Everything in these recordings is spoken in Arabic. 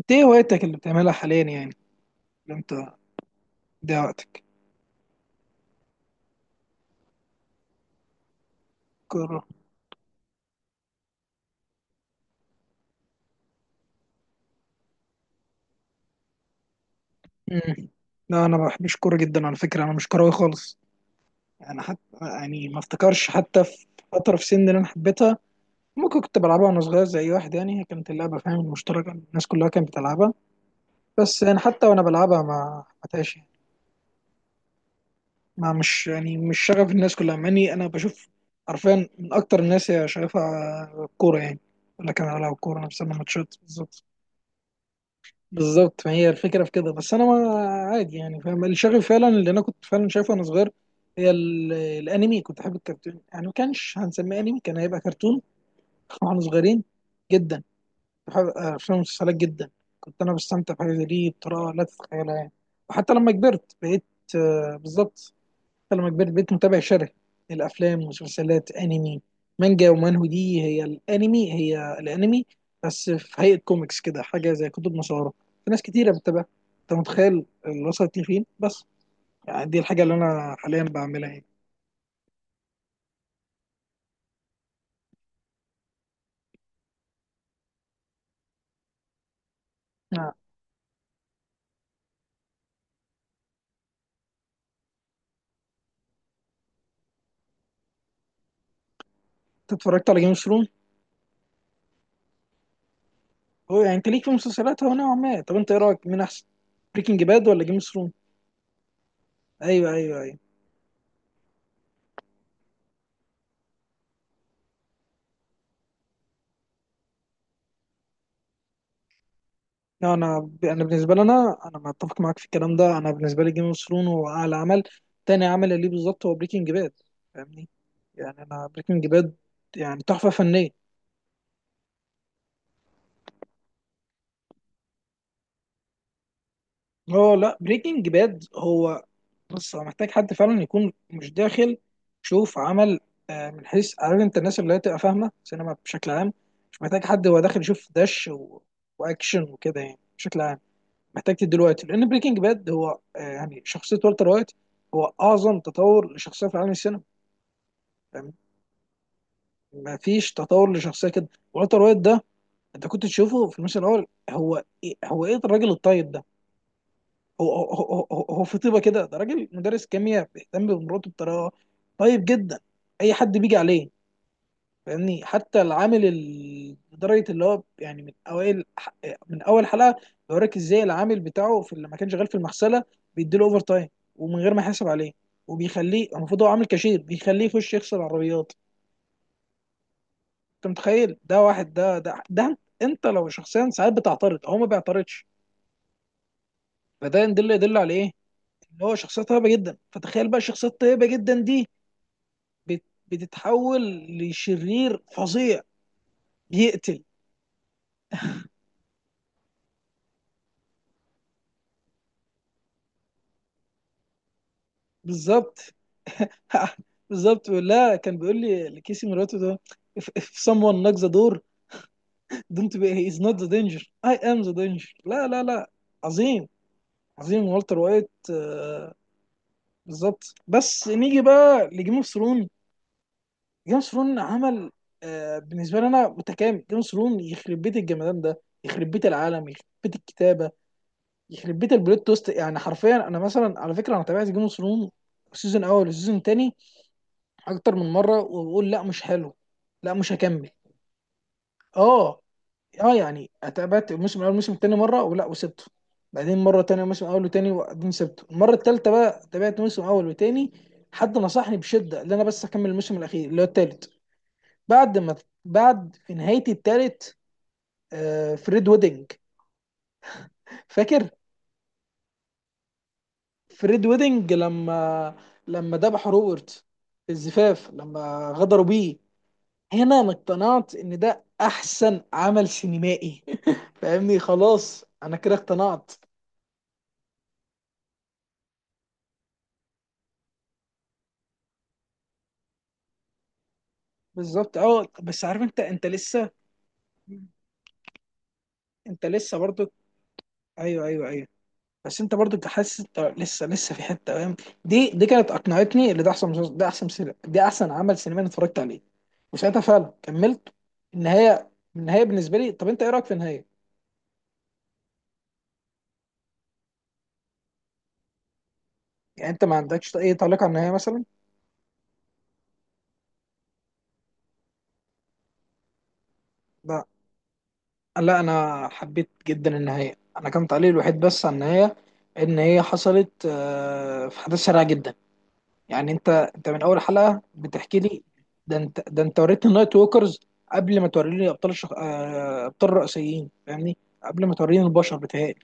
انت ايه هوايتك اللي بتعملها حاليا يعني، اللي انت بتضيع وقتك؟ كورة. مم. لا، انا ما بحبش كورة جدا على فكرة، انا مش كروي خالص. يعني حتى يعني ما افتكرش حتى في فترة في سن اللي انا حبيتها ممكن كنت بلعبها وانا صغير زي أي واحد يعني. هي كانت اللعبة، فاهم، مشتركة، الناس كلها كانت بتلعبها. بس يعني حتى وانا بلعبها ما حبيتهاش يعني. ما مش يعني مش شغف الناس كلها، مع اني انا بشوف حرفيا من اكتر الناس هي شغفها الكورة يعني، ولا كان على الكورة انا بسمع ماتشات بالظبط. بالظبط ما هي الفكره في كده، بس انا ما، عادي يعني، فاهم. اللي شغف فعلا اللي انا كنت فعلا شايفه وانا صغير هي الانمي. كنت احب الكرتون يعني، ما كانش هنسميه انمي، كان هيبقى كرتون واحنا صغيرين جدا. بحب افلام المسلسلات جدا، كنت انا بستمتع بحاجه زي دي بطريقه لا تتخيلها يعني. وحتى لما كبرت بقيت، آه، بالظبط. حتى لما كبرت بقيت متابع شره الافلام ومسلسلات انمي، مانجا ومانهو، دي هي الانمي، هي الانمي بس في هيئه كوميكس كده، حاجه زي كتب مصوره. في ناس كتيره بتتابعها. انت متخيل اللي وصلت لي فين بس؟ يعني دي الحاجه اللي انا حاليا بعملها يعني. آه. انت اتفرجت على جيم اوف ثرون؟ هو يعني انت ليك في المسلسلات، هو نوعا ما. طب انت ايه رايك، مين احسن، بريكنج باد ولا جيم اوف ثرون؟ ايوه، ايوه، أيوه. لا، انا بالنسبه لي انا متفق معاك في الكلام ده. انا بالنسبه لي جيم اوف ثرون هو اعلى عمل، تاني عمل ليه بالظبط هو بريكنج باد. فاهمني. يعني انا بريكنج باد يعني تحفه فنيه. اه لا، بريكنج باد هو، بص، هو محتاج حد فعلا يكون مش داخل. شوف عمل، من حيث، عارف انت، الناس اللي هي تبقى فاهمه سينما بشكل عام. مش محتاج حد هو داخل يشوف دش و... واكشن وكده، يعني بشكل عام. محتاج تديله وقت، لان بريكنج باد هو، يعني شخصيه والتر وايت هو اعظم تطور لشخصيه في عالم السينما، فاهم؟ ما فيش تطور لشخصيه كده والتر وايت ده. انت كنت تشوفه في الموسم الاول، هو ايه الراجل الطيب ده؟ هو في طيبه كده، ده راجل مدرس كيمياء بيهتم بمراته بطريقه طيب جدا، اي حد بيجي عليه، فاهمني. حتى العامل لدرجه اللي هو، يعني من اوائل، من اول حلقه بيوريك ازاي العامل بتاعه لما كان شغال في المغسله بيديله اوفر تايم ومن غير ما يحاسب عليه، وبيخليه، المفروض هو عامل كاشير، بيخليه يخش يغسل عربيات. انت متخيل ده واحد؟ ده انت لو شخصيا ساعات بتعترض، هو ما بيعترضش. فده يدل على ايه؟ ان هو شخصيه طيبه جدا. فتخيل بقى الشخصيه الطيبه جدا دي بتتحول لشرير فظيع، بيقتل. بالظبط. بالظبط. لا، كان بيقول لي لكيسي مراته ده، if someone knocks the door, don't be، he is not the danger، I am the danger. لا لا لا. عظيم. عظيم والتر وايت. بالظبط. بس نيجي بقى لجيم اوف ثرون. جيم اوف ثرون عمل، بالنسبه لي، انا متكامل. جيم اوف ثرون يخرب بيت الجمدان ده، يخرب بيت العالم، يخرب بيت الكتابه، يخرب بيت البلوت توست يعني حرفيا. انا مثلا على فكره انا تابعت جيم اوف ثرون سيزون اول وسيزون تاني اكتر من مره، وبقول لا، مش حلو، لا، مش هكمل. اه، اه، يعني اتقابلت الموسم الاول الموسم التاني مره ولا وسبته، بعدين مره تانية موسم اول وتاني، وبعدين سبته المره التالتة، بقى تابعت موسم اول وتاني. حد نصحني بشده ان انا بس اكمل الموسم الاخير اللي هو التالت. بعد ما بعد في نهايه التالت، آه، فريد ويدنج، فاكر؟ فريد ويدنج، لما ذبح روبرت في الزفاف، لما غدروا بيه. هنا انا اقتنعت ان ده احسن عمل سينمائي فاهمني، خلاص انا كده اقتنعت. بالظبط، اه بس، عارف انت لسه، انت لسه برضو. ايوه، ايوه، ايوه. بس انت برضو حاسس انت لسه في حته، فاهم؟ دي كانت اقنعتني اللي ده احسن مسلسل، ده احسن سينما، دي احسن عمل سينمائي أنا اتفرجت عليه، وساعتها فعلا كملت. النهايه. النهايه بالنسبه لي، طب انت ايه رايك في النهايه؟ يعني انت ما عندكش اي تعليق على النهايه مثلا؟ لا لا، انا حبيت جدا النهايه. انا كان تعليقي الوحيد بس على النهايه ان هي حصلت، في حدث سريع جدا. يعني انت من اول حلقه بتحكي لي، ده انت وريتني النايت ووكرز قبل ما توريني ابطال الشخ... آه، ابطال الرئيسيين، فاهمني، قبل ما توريني البشر بتهيألي.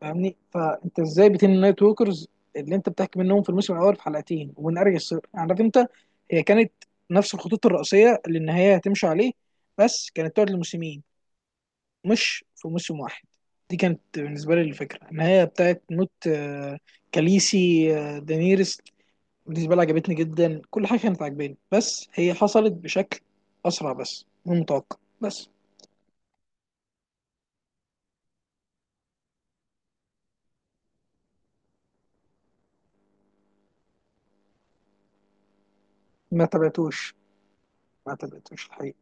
فاهمني، فانت ازاي بتني النايت ووكرز اللي انت بتحكي منهم في الموسم الاول في حلقتين ومن ارجل السر يعني، عارف انت. هي كانت نفس الخطوط الرئيسيه اللي النهايه هتمشي عليه، بس كانت تقعد لموسمين، مش في موسم واحد. دي كانت بالنسبه لي الفكره، النهايه بتاعت موت، كاليسي، دانيرس. بالنسبه لي عجبتني جدا، كل حاجه كانت عاجباني، بس هي حصلت بشكل اسرع بس من متوقع بس. ما تابعتوش ما تابعتوش الحقيقه.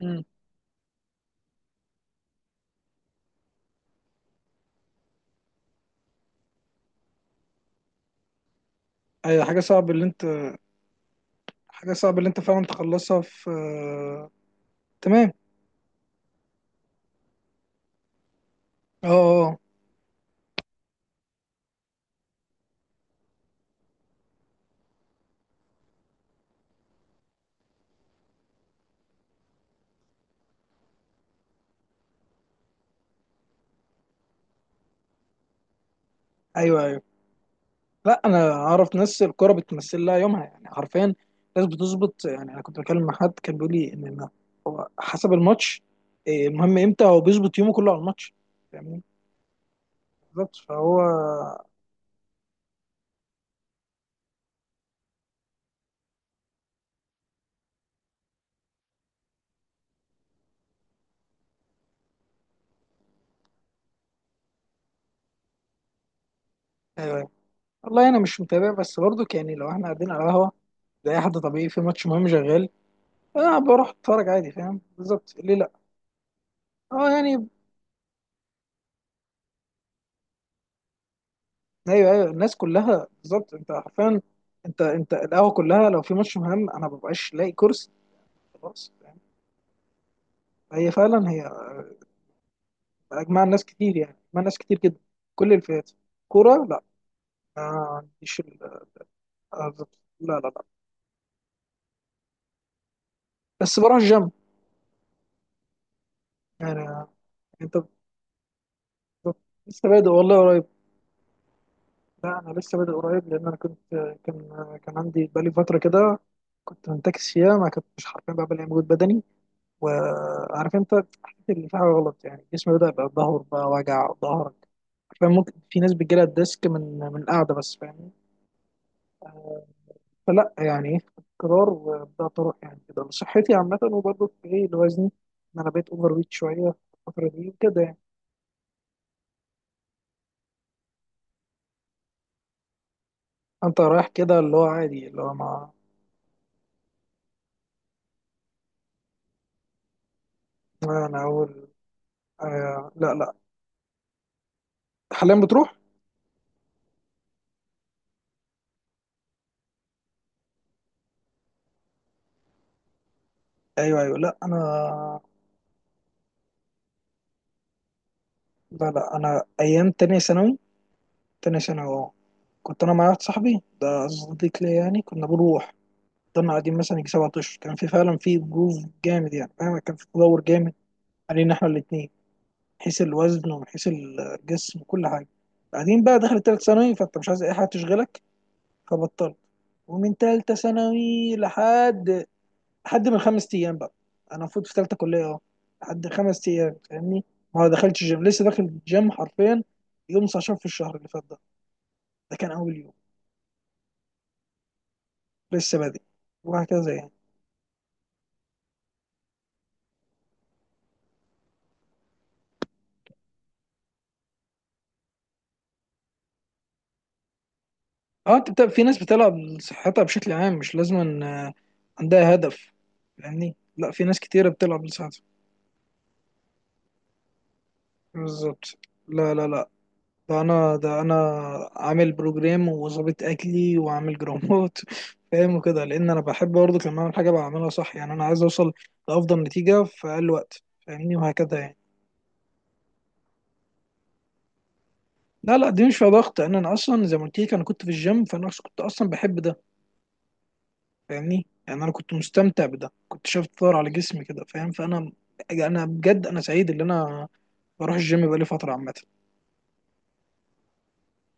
امم. ايوه، حاجه صعب اللي انت فعلا تخلصها في، تمام. اه، اه، أه. ايوه، ايوه، لا، انا اعرف ناس الكوره بتمثل لها يومها يعني حرفيا. ناس بتظبط، يعني انا كنت بكلم مع حد كان بيقول لي إن حسب الماتش، المهم امتى هو بيظبط يومه كله على الماتش، فاهمني. بالظبط، فهو، والله انا مش متابع بس برضك يعني، لو احنا قاعدين على قهوه، ده اي حد طبيعي في ماتش مهم شغال، اه بروح اتفرج عادي، فاهم، بالظبط، ليه لا. اه يعني، ايوه، ايوه، الناس كلها بالظبط. انت حرفيا، انت القهوه كلها، لو في ماتش مهم انا مببقاش لاقي كرسي، خلاص، فاهم؟ هي فعلا، هي اجمع ناس كتير يعني، اجمع ناس كتير جدا، كل الفئات. كوره؟ لا، ما عنديش بالظبط. لا لا لا، بس بروح الجيم. يعني انت، بالظبط. لسه بادئ والله، قريب. لا، انا لسه بادئ قريب لان انا كنت، كان كان عندي بقالي فتره كده كنت منتكس فيها، ما كنتش حرفيا بقى بلاقي مجهود بدني. وعارف انت، حسيت ان في حاجه غلط يعني، جسمي بدا يبقى، ظهر بقى وجع ظهرك حرفيا، ممكن في ناس بتجيلها الديسك من القعده بس، فاهمني. فلا يعني ايه، قرار وبدات اروح، يعني كده لصحتي عامه، وبرضه في ايه لوزني، ان انا بقيت اوفر ويت شويه الفتره دي وكده يعني. انت رايح كده اللي هو عادي، اللي هو ما، ما انا اقول. آه لا لا، حاليا بتروح. ايوه، ايوه، لا انا، لا لا. انا ايام تانية ثانوي، تانية ثانوي، اه. كنت انا مع واحد صاحبي ده، صديق ليا يعني، كنا بنروح. فضلنا قاعدين مثلا يجي 7 اشهر، كان في فعلا في جروف جامد يعني، فاهم، كان في تدور جامد علينا احنا الاتنين من حيث الوزن ومن حيث الجسم وكل حاجه. بعدين بقى دخلت تالتة ثانوي، فانت مش عايز اي حاجه تشغلك، فبطلت. ومن تالتة ثانوي لحد من 5 ايام بقى، انا المفروض في ثالثه كليه اهو. لحد 5 ايام فاهمني، ما دخلتش جيم. لسه داخل الجيم حرفيا يوم 19 في الشهر اللي فات ده، ده كان اول يوم. لسه بادئ وهكذا يعني. اه، انت في ناس بتلعب لصحتها بشكل عام، مش لازم أن، عندها هدف، فاهمني. لا، في ناس كتيره بتلعب لصحتها، بالظبط. لا لا لا، ده انا عامل بروجرام وظابط اكلي وعامل جرامات فاهم؟ وكده، لان انا بحب برضه لما اعمل حاجه بعملها صح يعني، انا عايز اوصل لافضل نتيجه في اقل وقت، فاهمني، وهكذا يعني. لا لا، دي مش فيها ضغط، انا اصلا زي ما قلت لك، انا كنت في الجيم فانا أصلاً، كنت اصلا بحب ده، فاهمني يعني. انا كنت مستمتع بده، كنت شايف تطور على جسمي كده، فاهم؟ فانا يعني، انا بجد انا سعيد ان انا بروح الجيم بقالي فتره عامه.